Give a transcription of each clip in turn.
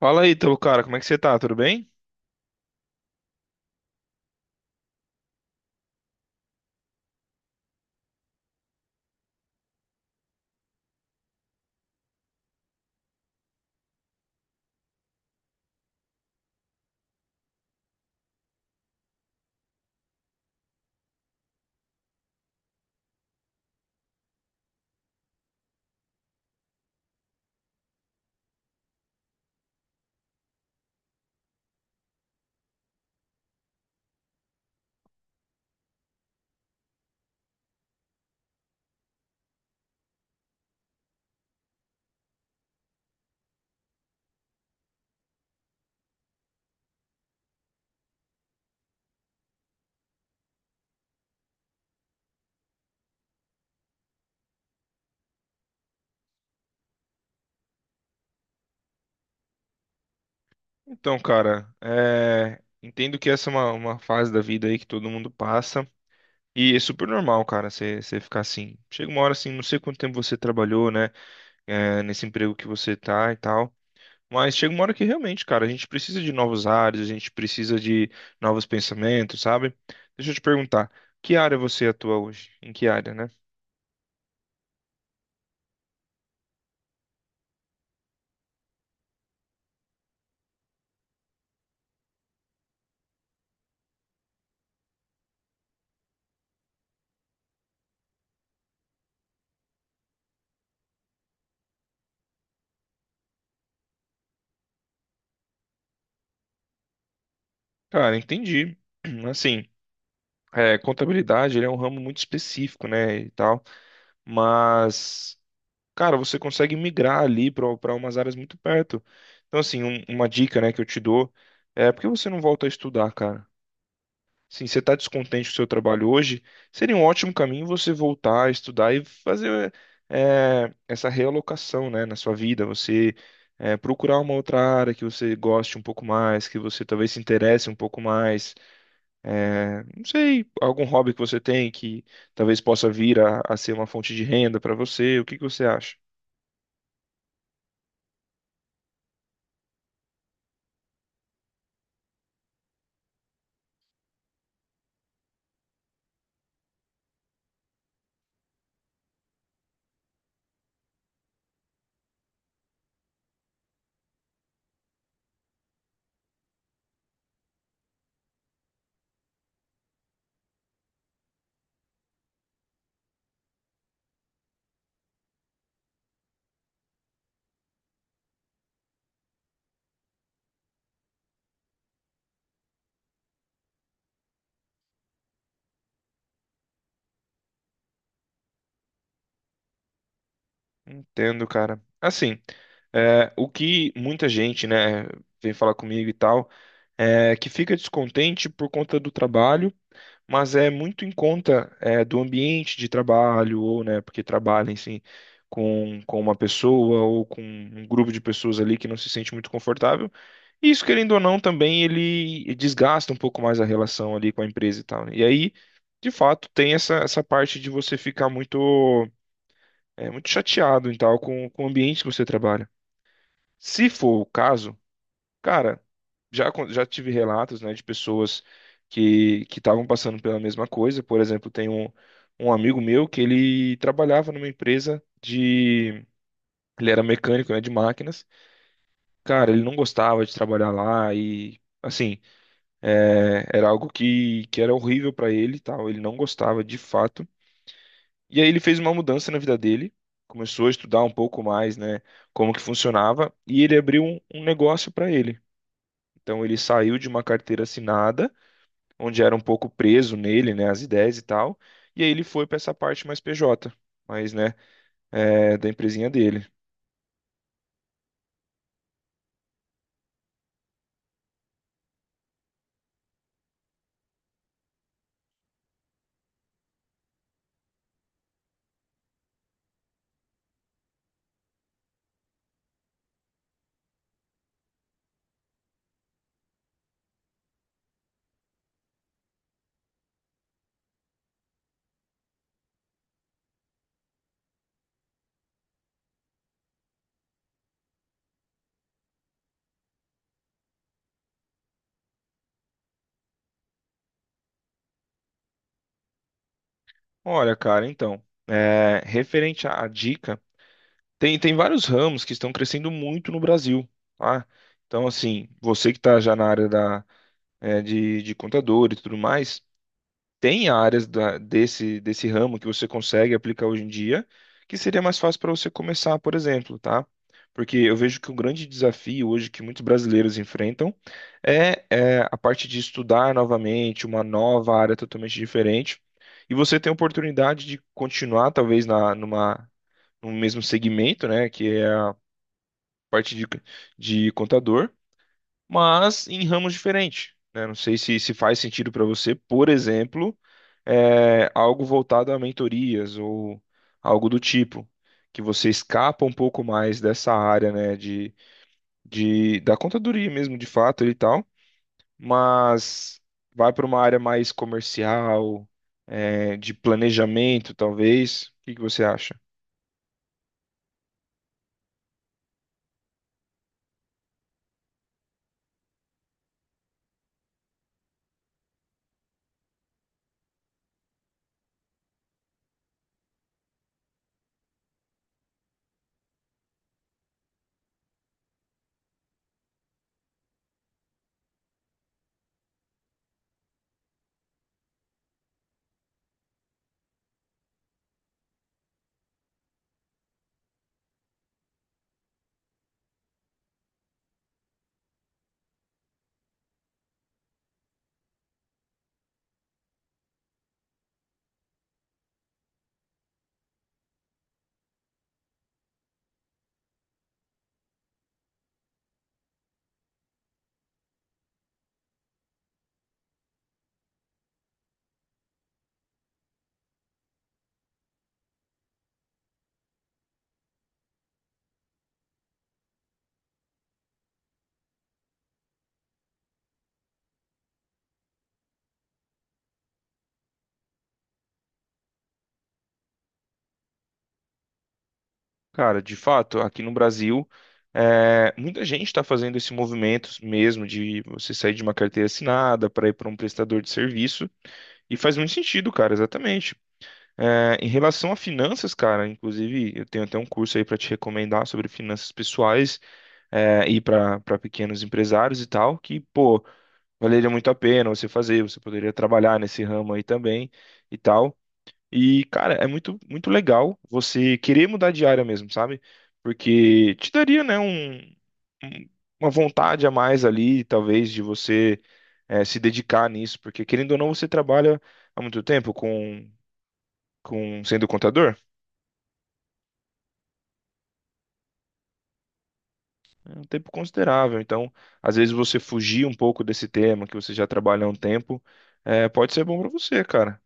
Fala aí, Ítalo, cara, como é que você tá? Tudo bem? Então, cara, entendo que essa é uma fase da vida aí que todo mundo passa. E é super normal, cara, você ficar assim. Chega uma hora assim, não sei quanto tempo você trabalhou, né? Nesse emprego que você tá e tal. Mas chega uma hora que realmente, cara, a gente precisa de novos áreas, a gente precisa de novos pensamentos, sabe? Deixa eu te perguntar, que área você atua hoje? Em que área, né? Cara, entendi. Assim, contabilidade, ele é um ramo muito específico, né? E tal. Mas, cara, você consegue migrar ali para umas áreas muito perto. Então, assim, uma dica, né, que eu te dou é por que você não volta a estudar, cara? Sim, você está descontente com o seu trabalho hoje, seria um ótimo caminho você voltar a estudar e fazer essa realocação, né, na sua vida. Você procurar uma outra área que você goste um pouco mais, que você talvez se interesse um pouco mais. É, não sei, algum hobby que você tem que talvez possa vir a ser uma fonte de renda para você, o que que você acha? Entendo, cara. Assim, o que muita gente, né, vem falar comigo e tal, é que fica descontente por conta do trabalho, mas é muito em conta, é, do ambiente de trabalho, ou, né, porque trabalha, enfim, com uma pessoa ou com um grupo de pessoas ali que não se sente muito confortável. Isso, querendo ou não, também ele desgasta um pouco mais a relação ali com a empresa e tal, né? E aí, de fato, tem essa parte de você ficar muito, muito chateado e tal com o ambiente que você trabalha. Se for o caso, cara, já tive relatos, né, de pessoas que estavam passando pela mesma coisa. Por exemplo, tem um amigo meu que ele trabalhava numa empresa de... Ele era mecânico, né, de máquinas. Cara, ele não gostava de trabalhar lá e, assim... É, era algo que era horrível para ele, e tal. Ele não gostava de fato. E aí ele fez uma mudança na vida dele, começou a estudar um pouco mais, né, como que funcionava, e ele abriu um negócio para ele. Então ele saiu de uma carteira assinada, onde era um pouco preso nele, né, as ideias e tal. E aí ele foi para essa parte mais PJ, mas né, da empresinha dele. Olha, cara, então, é, referente à dica. Tem vários ramos que estão crescendo muito no Brasil, tá? Então, assim, você que está já na área da, é, de contador e tudo mais, tem áreas desse, desse ramo que você consegue aplicar hoje em dia, que seria mais fácil para você começar, por exemplo, tá? Porque eu vejo que o grande desafio hoje que muitos brasileiros enfrentam é a parte de estudar novamente uma nova área totalmente diferente. E você tem a oportunidade de continuar, talvez, numa, no mesmo segmento, né? Que é parte de contador, mas em ramos diferentes, né? Não sei se faz sentido para você, por exemplo, algo voltado a mentorias ou algo do tipo, que você escapa um pouco mais dessa área, né, de, da contadoria mesmo, de fato e tal, mas vai para uma área mais comercial, de planejamento, talvez. O que que você acha? Cara, de fato, aqui no Brasil, muita gente está fazendo esse movimento mesmo de você sair de uma carteira assinada para ir para um prestador de serviço, e faz muito sentido, cara, exatamente. É, em relação a finanças, cara, inclusive, eu tenho até um curso aí para te recomendar sobre finanças pessoais, é, e para pequenos empresários e tal, que, pô, valeria muito a pena você fazer, você poderia trabalhar nesse ramo aí também e tal. E, cara, é muito, muito legal você querer mudar de área mesmo, sabe? Porque te daria, né, um- uma vontade a mais ali, talvez, de você se dedicar nisso. Porque, querendo ou não, você trabalha há muito tempo com sendo contador, é um tempo considerável. Então, às vezes, você fugir um pouco desse tema que você já trabalha há um tempo, pode ser bom pra você, cara.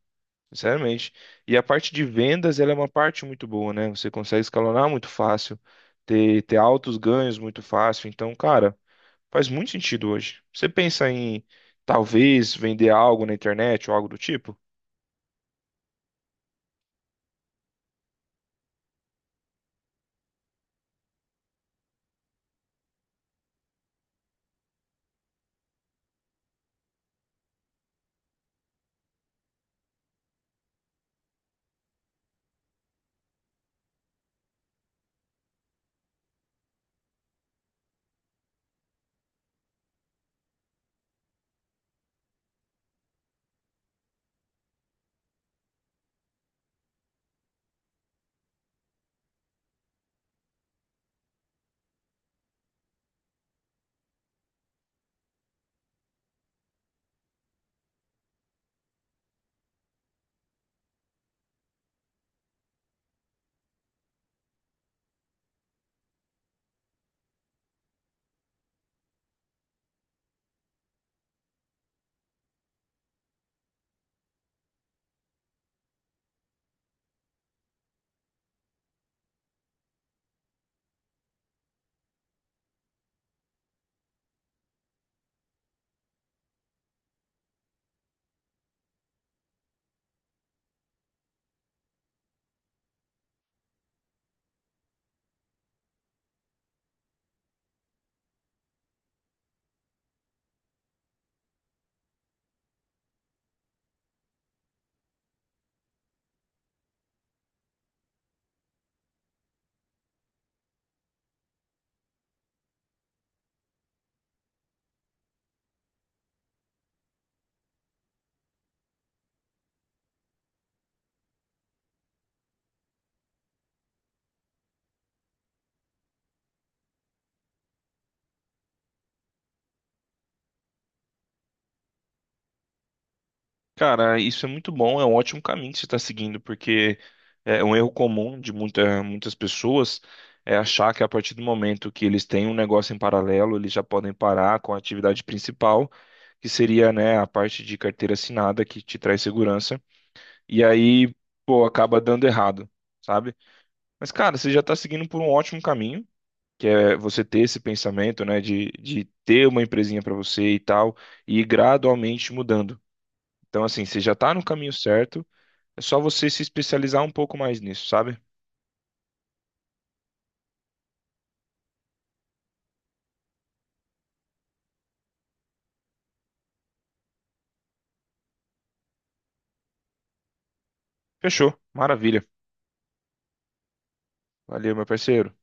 Sinceramente. E a parte de vendas, ela é uma parte muito boa, né? Você consegue escalonar muito fácil, ter altos ganhos muito fácil. Então, cara, faz muito sentido hoje. Você pensa em talvez vender algo na internet ou algo do tipo? Cara, isso é muito bom, é um ótimo caminho que você está seguindo, porque é um erro comum de muitas pessoas é achar que a partir do momento que eles têm um negócio em paralelo, eles já podem parar com a atividade principal, que seria, né, a parte de carteira assinada que te traz segurança, e aí, pô, acaba dando errado, sabe? Mas, cara, você já está seguindo por um ótimo caminho. Que é você ter esse pensamento, né, de ter uma empresinha para você e tal, e ir gradualmente mudando. Então, assim, você já está no caminho certo, é só você se especializar um pouco mais nisso, sabe? Fechou. Maravilha. Valeu, meu parceiro.